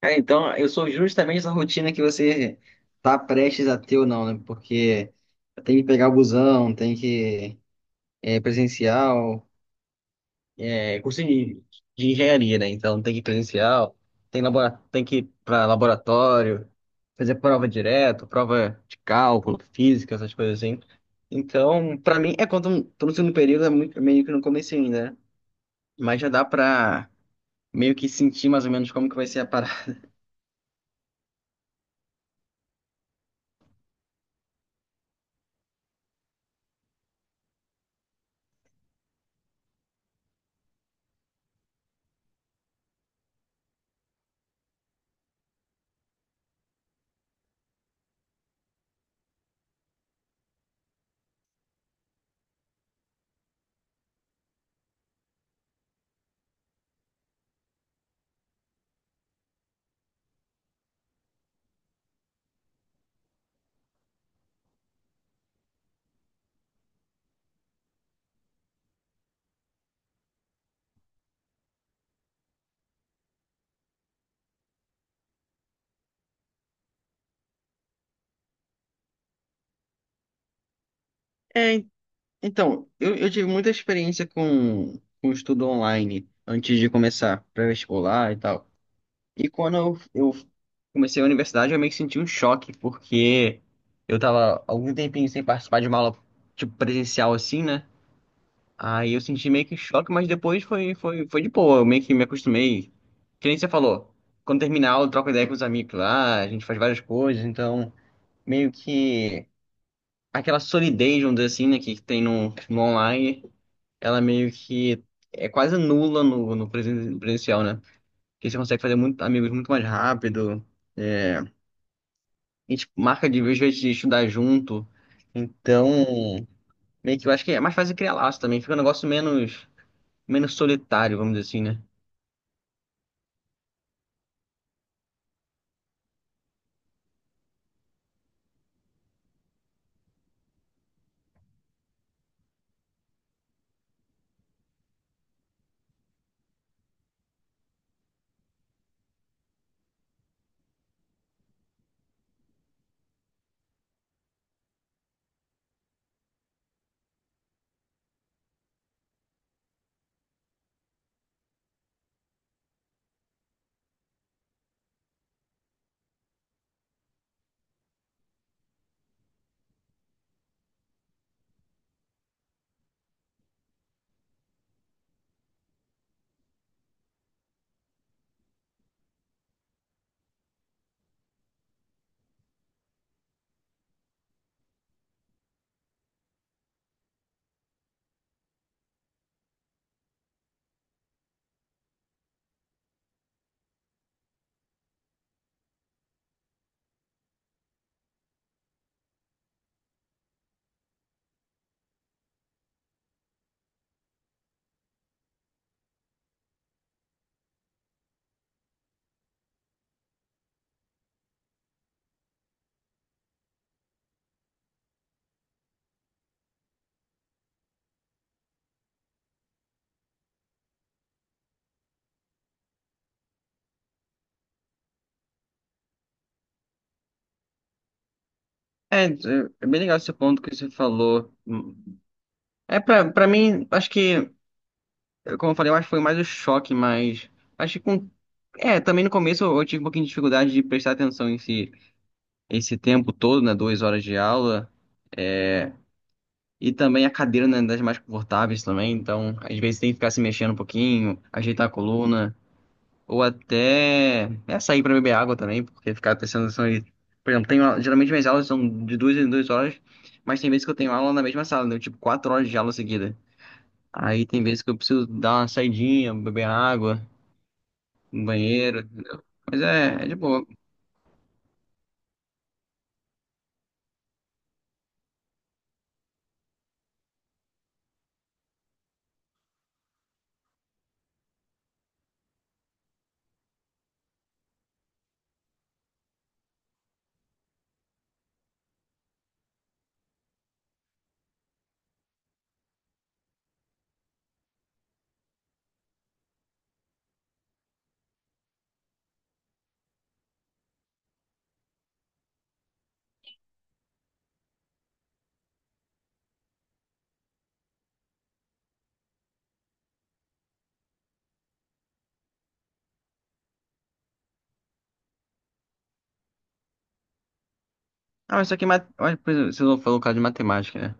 Cara, então eu sou justamente essa rotina que você tá prestes a ter ou não, né? Porque tem que pegar o busão, tem que presencial, é curso de engenharia, né? Então tem que ir presencial, tem, tem que ir para laboratório, fazer prova direto, prova de cálculo, física, essas coisas assim. Então, pra mim, é quando tô no segundo período, meio que no começo ainda, né? Mas já dá pra meio que sentir mais ou menos como que vai ser a parada. Então, eu tive muita experiência com estudo online antes de começar pré-vestibular e tal. E quando eu comecei a universidade, eu meio que senti um choque, porque eu tava algum tempinho sem participar de uma aula, tipo, presencial assim, né? Aí eu senti meio que choque, mas depois foi de boa, eu meio que me acostumei. Que nem você falou, quando terminar a aula, eu troco ideia com os amigos lá, a gente faz várias coisas, então meio que aquela solidez, vamos dizer assim, né, que tem no online ela meio que é quase nula no presencial, né? Porque você consegue fazer muito, amigos muito mais rápido. É, a gente marca de vez em vez de estudar junto. Então, meio que eu acho que é mais fácil criar laço também. Fica um negócio menos, menos solitário, vamos dizer assim, né? É, é bem legal esse ponto que você falou. Pra mim, acho que, como eu falei, eu acho que foi mais o choque, mas acho que com. Também no começo eu tive um pouquinho de dificuldade de prestar atenção em si esse tempo todo, né? 2 horas de aula. É, e também a cadeira não é das mais confortáveis também, então às vezes tem que ficar se mexendo um pouquinho, ajeitar a coluna, ou até sair para beber água também, porque ficar prestando atenção aí. Por exemplo, geralmente minhas aulas são de 2 em 2 horas, mas tem vezes que eu tenho aula na mesma sala, né? Tipo, 4 horas de aula seguida. Aí tem vezes que eu preciso dar uma saidinha, beber água, no banheiro, entendeu? Mas é de boa. Ah, mas só que mat... olha, por exemplo, você falou o caso de matemática, né?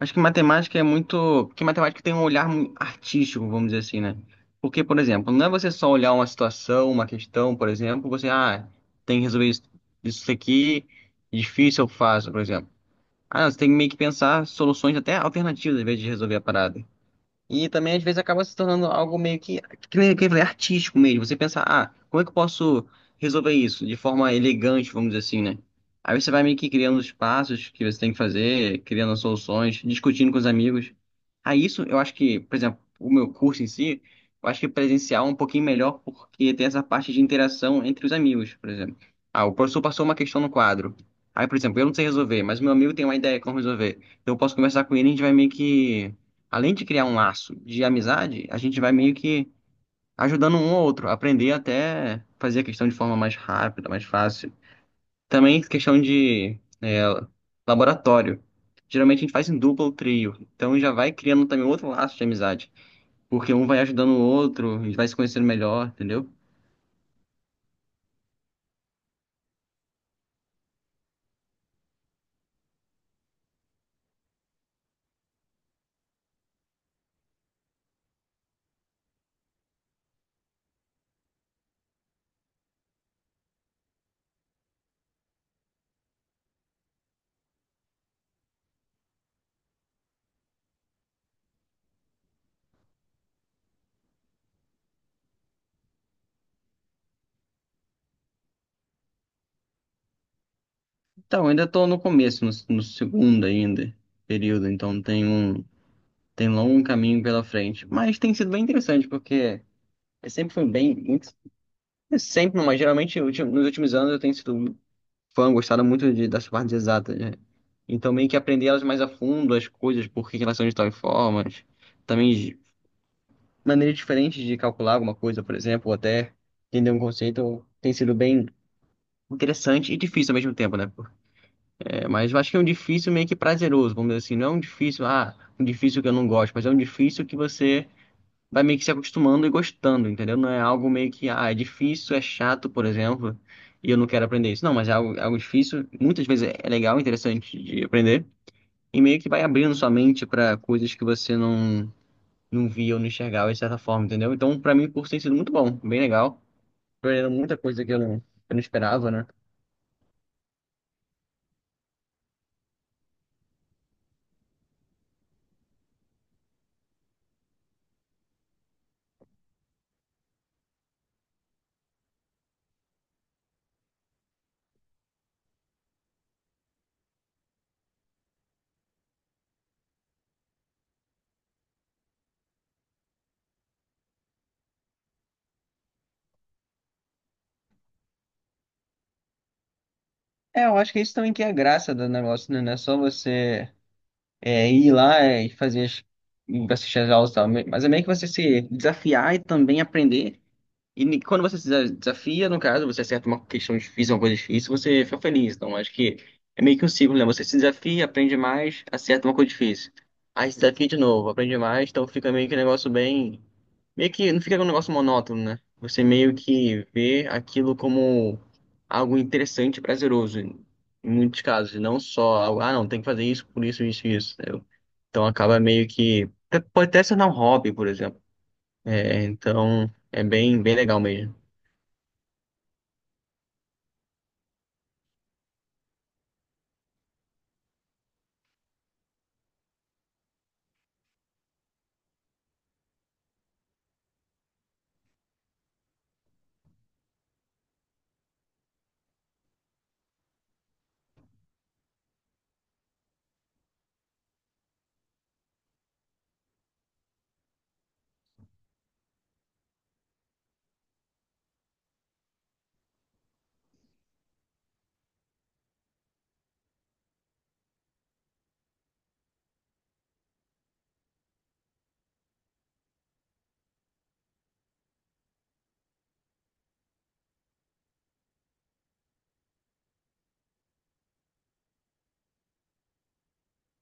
Acho que matemática é muito. Porque matemática tem um olhar artístico, vamos dizer assim, né? Porque, por exemplo, não é você só olhar uma situação, uma questão, por exemplo, você, ah, tem que resolver isso, isso aqui, difícil eu faço, por exemplo. Ah, não, você tem que meio que pensar soluções até alternativas, em vez de resolver a parada. E também, às vezes, acaba se tornando algo meio que nem que eu falei, artístico mesmo. Você pensa, ah, como é que eu posso resolver isso de forma elegante, vamos dizer assim, né? Aí você vai meio que criando os passos que você tem que fazer, criando soluções, discutindo com os amigos. Aí isso, eu acho que, por exemplo, o meu curso em si, eu acho que presencial é um pouquinho melhor porque tem essa parte de interação entre os amigos, por exemplo. Ah, o professor passou uma questão no quadro. Aí, por exemplo, eu não sei resolver, mas meu amigo tem uma ideia como resolver. Então eu posso conversar com ele e a gente vai meio que além de criar um laço de amizade, a gente vai meio que ajudando um ao outro, aprender até fazer a questão de forma mais rápida, mais fácil. Também questão de laboratório. Geralmente a gente faz em dupla ou trio, então já vai criando também outro laço de amizade, porque um vai ajudando o outro, a gente vai se conhecendo melhor, entendeu? Então, ainda estou no começo, no segundo ainda, período, então tem longo caminho pela frente, mas tem sido bem interessante, porque eu sempre foi bem, muito sempre, mas geralmente nos últimos anos eu tenho sido fã, gostado muito das partes exatas, né? Então meio que aprender elas mais a fundo, as coisas, por que que elas são de tal formas, também de maneiras diferentes de calcular alguma coisa, por exemplo, ou até entender um conceito tem sido bem interessante e difícil ao mesmo tempo, né? É, mas eu acho que é um difícil meio que prazeroso, vamos dizer assim, não é um difícil, ah, um difícil que eu não gosto, mas é um difícil que você vai meio que se acostumando e gostando, entendeu? Não é algo meio que, ah, é difícil, é chato, por exemplo, e eu não quero aprender isso. Não, mas é algo difícil, muitas vezes é legal, interessante de aprender, e meio que vai abrindo sua mente para coisas que você não, não via ou não enxergava de certa forma, entendeu? Então, para mim, o curso tem sido muito bom, bem legal, aprendendo muita coisa que eu não esperava, né? É, eu acho que isso também que é a graça do negócio, né? Não é só você ir lá e fazer as, e assistir as aulas e tal, mas é meio que você se desafiar e também aprender. E quando você se desa- desafia, no caso, você acerta uma questão difícil, uma coisa difícil, você fica feliz. Então, acho que é meio que um ciclo, né? Você se desafia, aprende mais, acerta uma coisa difícil. Aí se desafia de novo, aprende mais, então fica meio que um negócio bem. Meio que não fica um negócio monótono, né? Você meio que vê aquilo como algo interessante e prazeroso, em muitos casos. E não só algo, ah, não, tem que fazer isso, por isso, isso, isso. Entendeu? Então acaba meio que. Pode até ser um hobby, por exemplo. É, então é bem legal mesmo.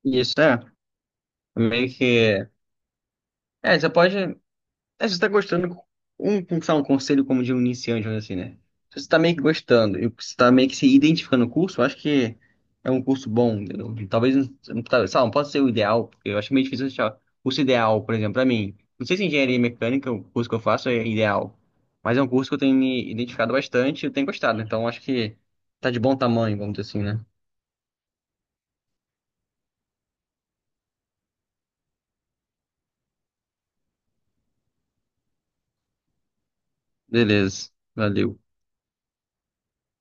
Isso é. Meio que. É, você pode. É, se você tá gostando. Sei lá, um conselho como de um iniciante, vamos dizer assim, né? Se você tá meio que gostando e você tá meio que se identificando no curso, eu acho que é um curso bom. Entendeu? Talvez. Talvez, sei lá, não pode ser o ideal, porque eu acho meio difícil achar o curso ideal, por exemplo, pra mim. Não sei se engenharia mecânica, o curso que eu faço, é ideal. Mas é um curso que eu tenho me identificado bastante e eu tenho gostado. Então acho que tá de bom tamanho, vamos dizer assim, né? Beleza. Valeu.